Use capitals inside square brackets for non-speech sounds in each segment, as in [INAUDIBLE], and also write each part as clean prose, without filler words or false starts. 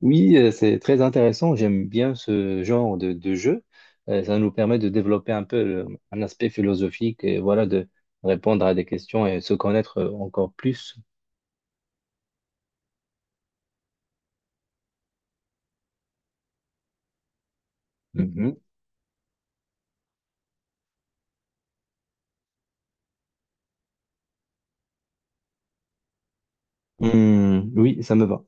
Oui, c'est très intéressant. J'aime bien ce genre de jeu. Ça nous permet de développer un peu un aspect philosophique et voilà, de répondre à des questions et se connaître encore plus. Mhm. Hmm, oui, ça me va.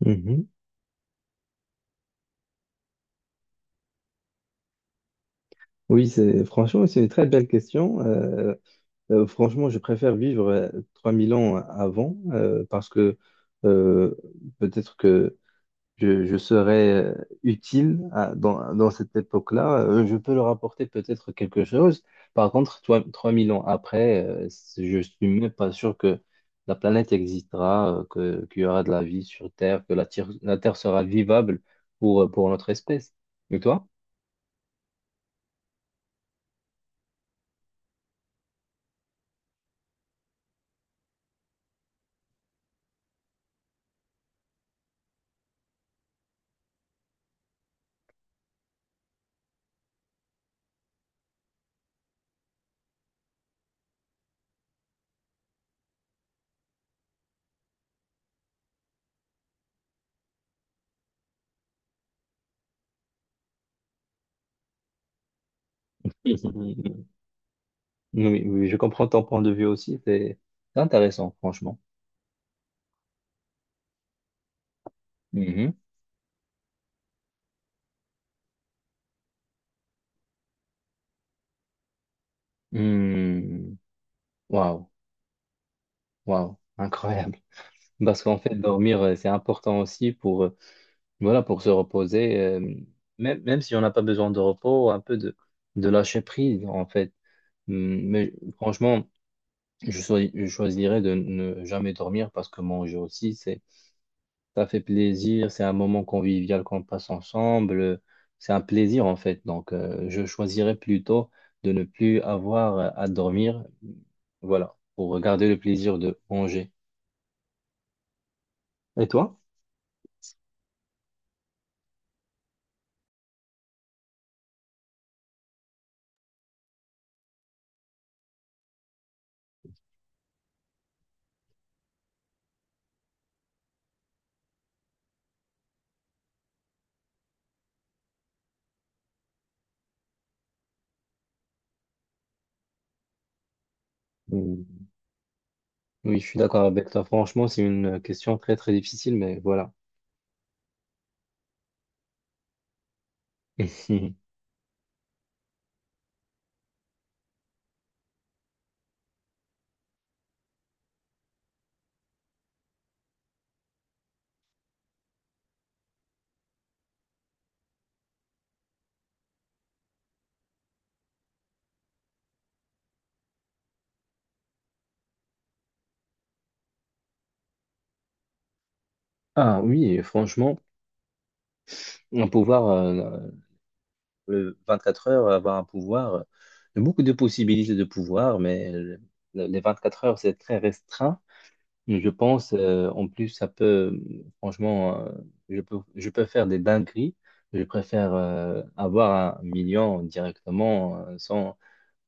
Mhm. Oui, c'est franchement, c'est une très belle question. Franchement, je préfère vivre 3000 ans avant parce que euh, peut-être que je serais dans cette époque-là, je peux leur apporter peut-être quelque chose. Par contre, toi, 3000 ans après, je suis même pas sûr que la planète existera, qu'il y aura de la vie sur Terre, que la Terre sera vivable pour notre espèce. Et toi? [LAUGHS] Oui, oui, je comprends ton point de vue aussi, c'est intéressant, franchement. Mhm. Hmm. Waouh, waouh, incroyable. Parce qu'en fait, dormir, c'est important aussi pour, voilà, pour se reposer, même si on n'a pas besoin de repos, un peu de lâcher prise, en fait. Mais franchement, je choisirais de ne jamais dormir parce que manger aussi, ça fait plaisir, c'est un moment convivial qu'on passe ensemble, c'est un plaisir, en fait. Donc, je choisirais plutôt de ne plus avoir à dormir, voilà, pour garder le plaisir de manger. Et toi? Hum, Oui, je suis d'accord avec toi. Franchement, c'est une question très, très difficile, mais voilà. [LAUGHS] Ah oui, franchement, un pouvoir, le 24 heures, avoir un pouvoir, il y a beaucoup de possibilités de pouvoir, mais les 24 heures, c'est très restreint. Je pense, en plus, ça peut, franchement, je peux faire des dingueries. Je préfère avoir un million directement sans,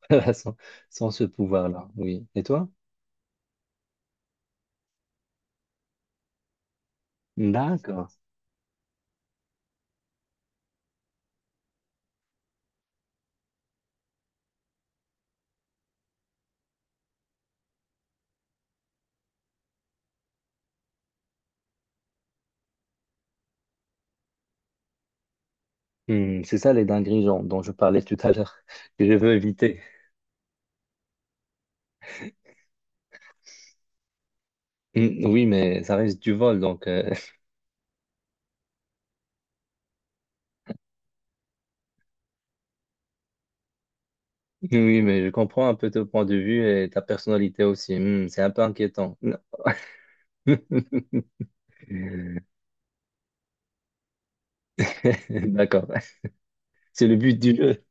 [LAUGHS] sans, sans ce pouvoir-là. Oui. Et toi? D'accord. Hmm, c'est ça les dingueries genre, dont je parlais tout à l'heure, [LAUGHS] que je veux éviter. Mm, oui, mais ça reste du vol, donc [LAUGHS] oui, mais je comprends un peu ton point de vue et ta personnalité aussi. Mm, c'est un peu inquiétant. Non. [LAUGHS] D'accord, c'est le but du jeu.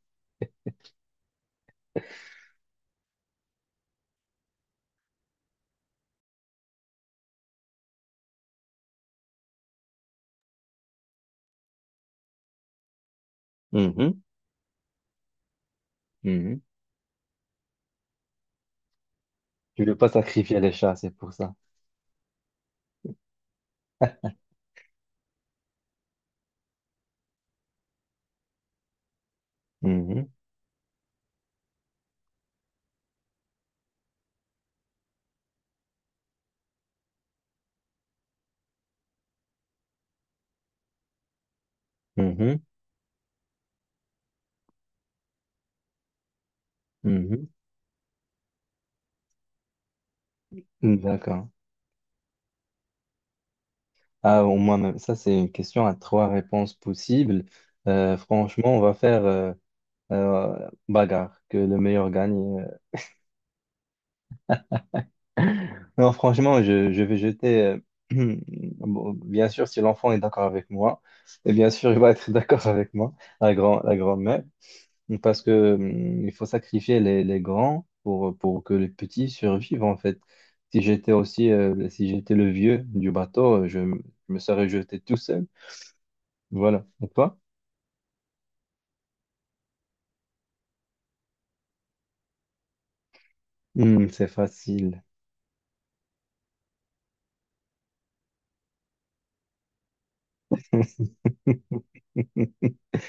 Mhm, mhm. Tu veux pas sacrifier les chats, c'est pour ça. Mhm, mhm, mhm. Mm, d'accord. Ah, au moins, ça, c'est une question à trois réponses possibles. Franchement, on va faire bagarre, que le meilleur gagne. Non, franchement, je vais jeter. euh, [CLEARS THROAT] bon, bien sûr, si l'enfant est d'accord avec moi, et bien sûr, il va être [LAUGHS] d'accord avec moi, la grand-mère, parce que il faut sacrifier les grands pour que les petits survivent, en fait. Si j'étais aussi, si j'étais le vieux du bateau, je me serais jeté tout seul. Voilà. Et toi? C'est facile. [LAUGHS]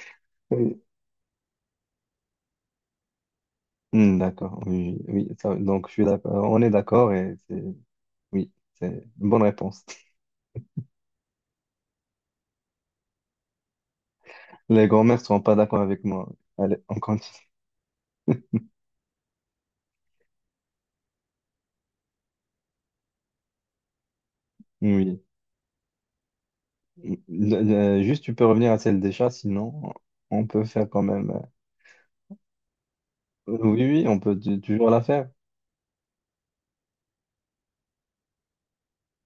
D'accord. Oui, oui, donc, je suis d'accord. On est d'accord et c'est, oui, c'est une bonne réponse. Les grands-mères seront pas d'accord avec moi. Allez, on continue. Oui. Juste, tu peux revenir à celle des chats, sinon on peut faire quand même. Oui, oui, on peut toujours la faire.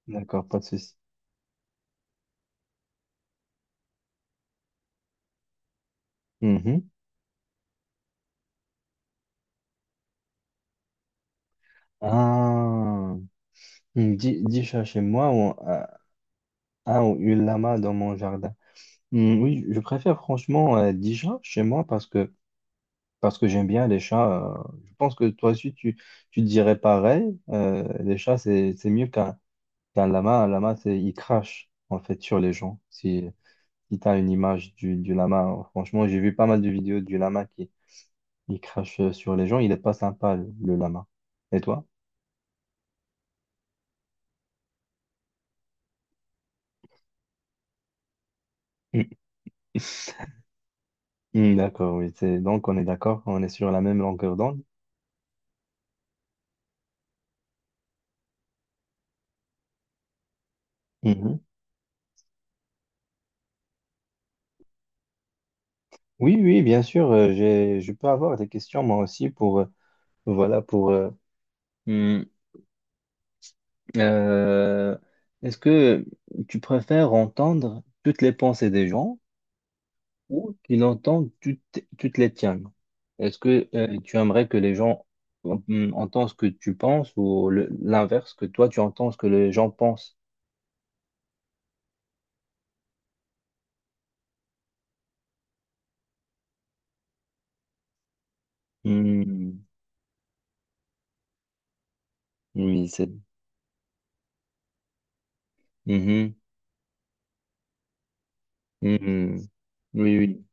D'accord, pas de souci. Mhm. Ah, dix chats chez moi ou un ou une lama dans mon jardin. Hmm, oui, je préfère franchement dix chats chez moi parce que j'aime bien les chats. Je pense que toi aussi tu dirais pareil. Les chats c'est mieux qu'un. Un lama, il crache en fait sur les gens. Si tu as une image du lama, franchement, j'ai vu pas mal de vidéos du lama qui il crache sur les gens. Il est pas sympa, le lama. Et toi? [LAUGHS] Mm. Mm, d'accord, oui. Donc, on est d'accord, on est sur la même longueur d'onde. Mhm. Oui, oui, bien sûr. Je peux avoir des questions moi aussi pour, voilà, pour. Mm, euh, Est-ce que tu préfères entendre toutes les pensées des gens? Ou qui l'entendent, tu te les tiens. Est-ce que tu aimerais que les gens entendent ce que tu penses ou l'inverse, que toi tu entends ce que les gens pensent? Hmm, oui, c'est. Mhm, mhm. Oui,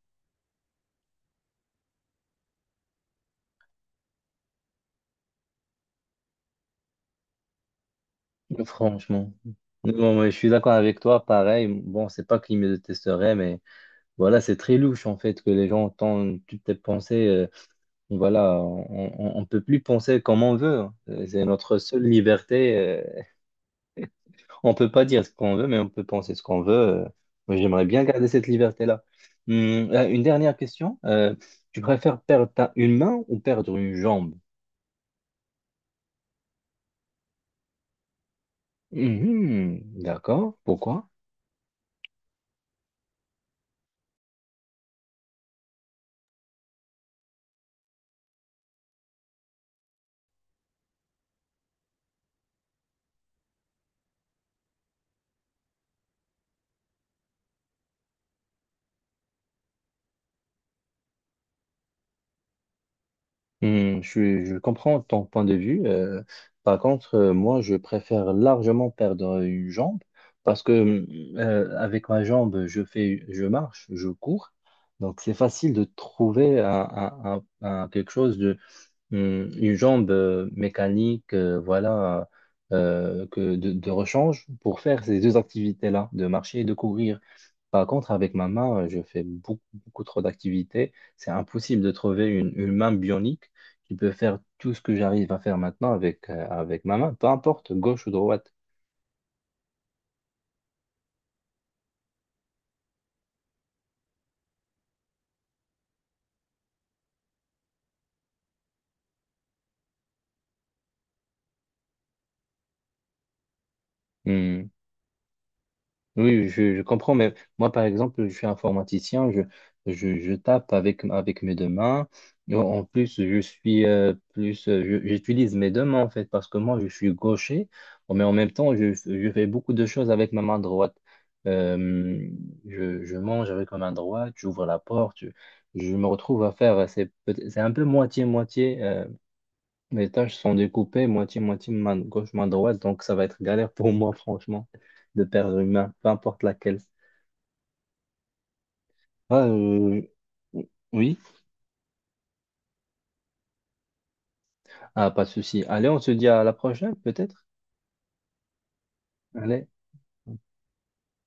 oui, franchement. Bon, ouais, je suis d'accord avec toi, pareil. Bon, c'est pas qu'il me détesterait, mais voilà, c'est très louche en fait que les gens entendent toutes tes pensées. Voilà, on peut plus penser comme on veut, hein. C'est notre seule liberté. On peut pas dire ce qu'on veut, mais on peut penser ce qu'on veut. Moi, j'aimerais bien garder cette liberté-là. Une dernière question. Tu préfères perdre une main ou perdre une jambe? Mhm, d'accord. Pourquoi? Je comprends ton point de vue. Par contre, moi, je préfère largement perdre une jambe parce que avec ma jambe, je marche, je cours. Donc, c'est facile de trouver quelque chose une jambe mécanique, voilà, que de rechange pour faire ces deux activités-là, de marcher et de courir. Par contre, avec ma main, je fais beaucoup, beaucoup trop d'activités. C'est impossible de trouver une main bionique qui peut faire tout ce que j'arrive à faire maintenant avec ma main, peu importe, gauche ou droite. Hmm. Oui, oui, je comprends, mais moi, par exemple, je suis informaticien, je tape avec mes deux mains. En plus, je suis plus, j'utilise mes deux mains, en fait, parce que moi, je suis gaucher, mais en même temps, je fais beaucoup de choses avec ma main droite. Euh, je mange avec ma main droite, j'ouvre la porte, je me retrouve à faire, c'est un peu moitié-moitié, mes tâches sont découpées moitié-moitié, main gauche, main droite, donc ça va être galère pour moi, franchement, de perdre une main, peu importe laquelle. Ah, oui, ah, pas de souci. Allez, on se dit à la prochaine, peut-être? Allez.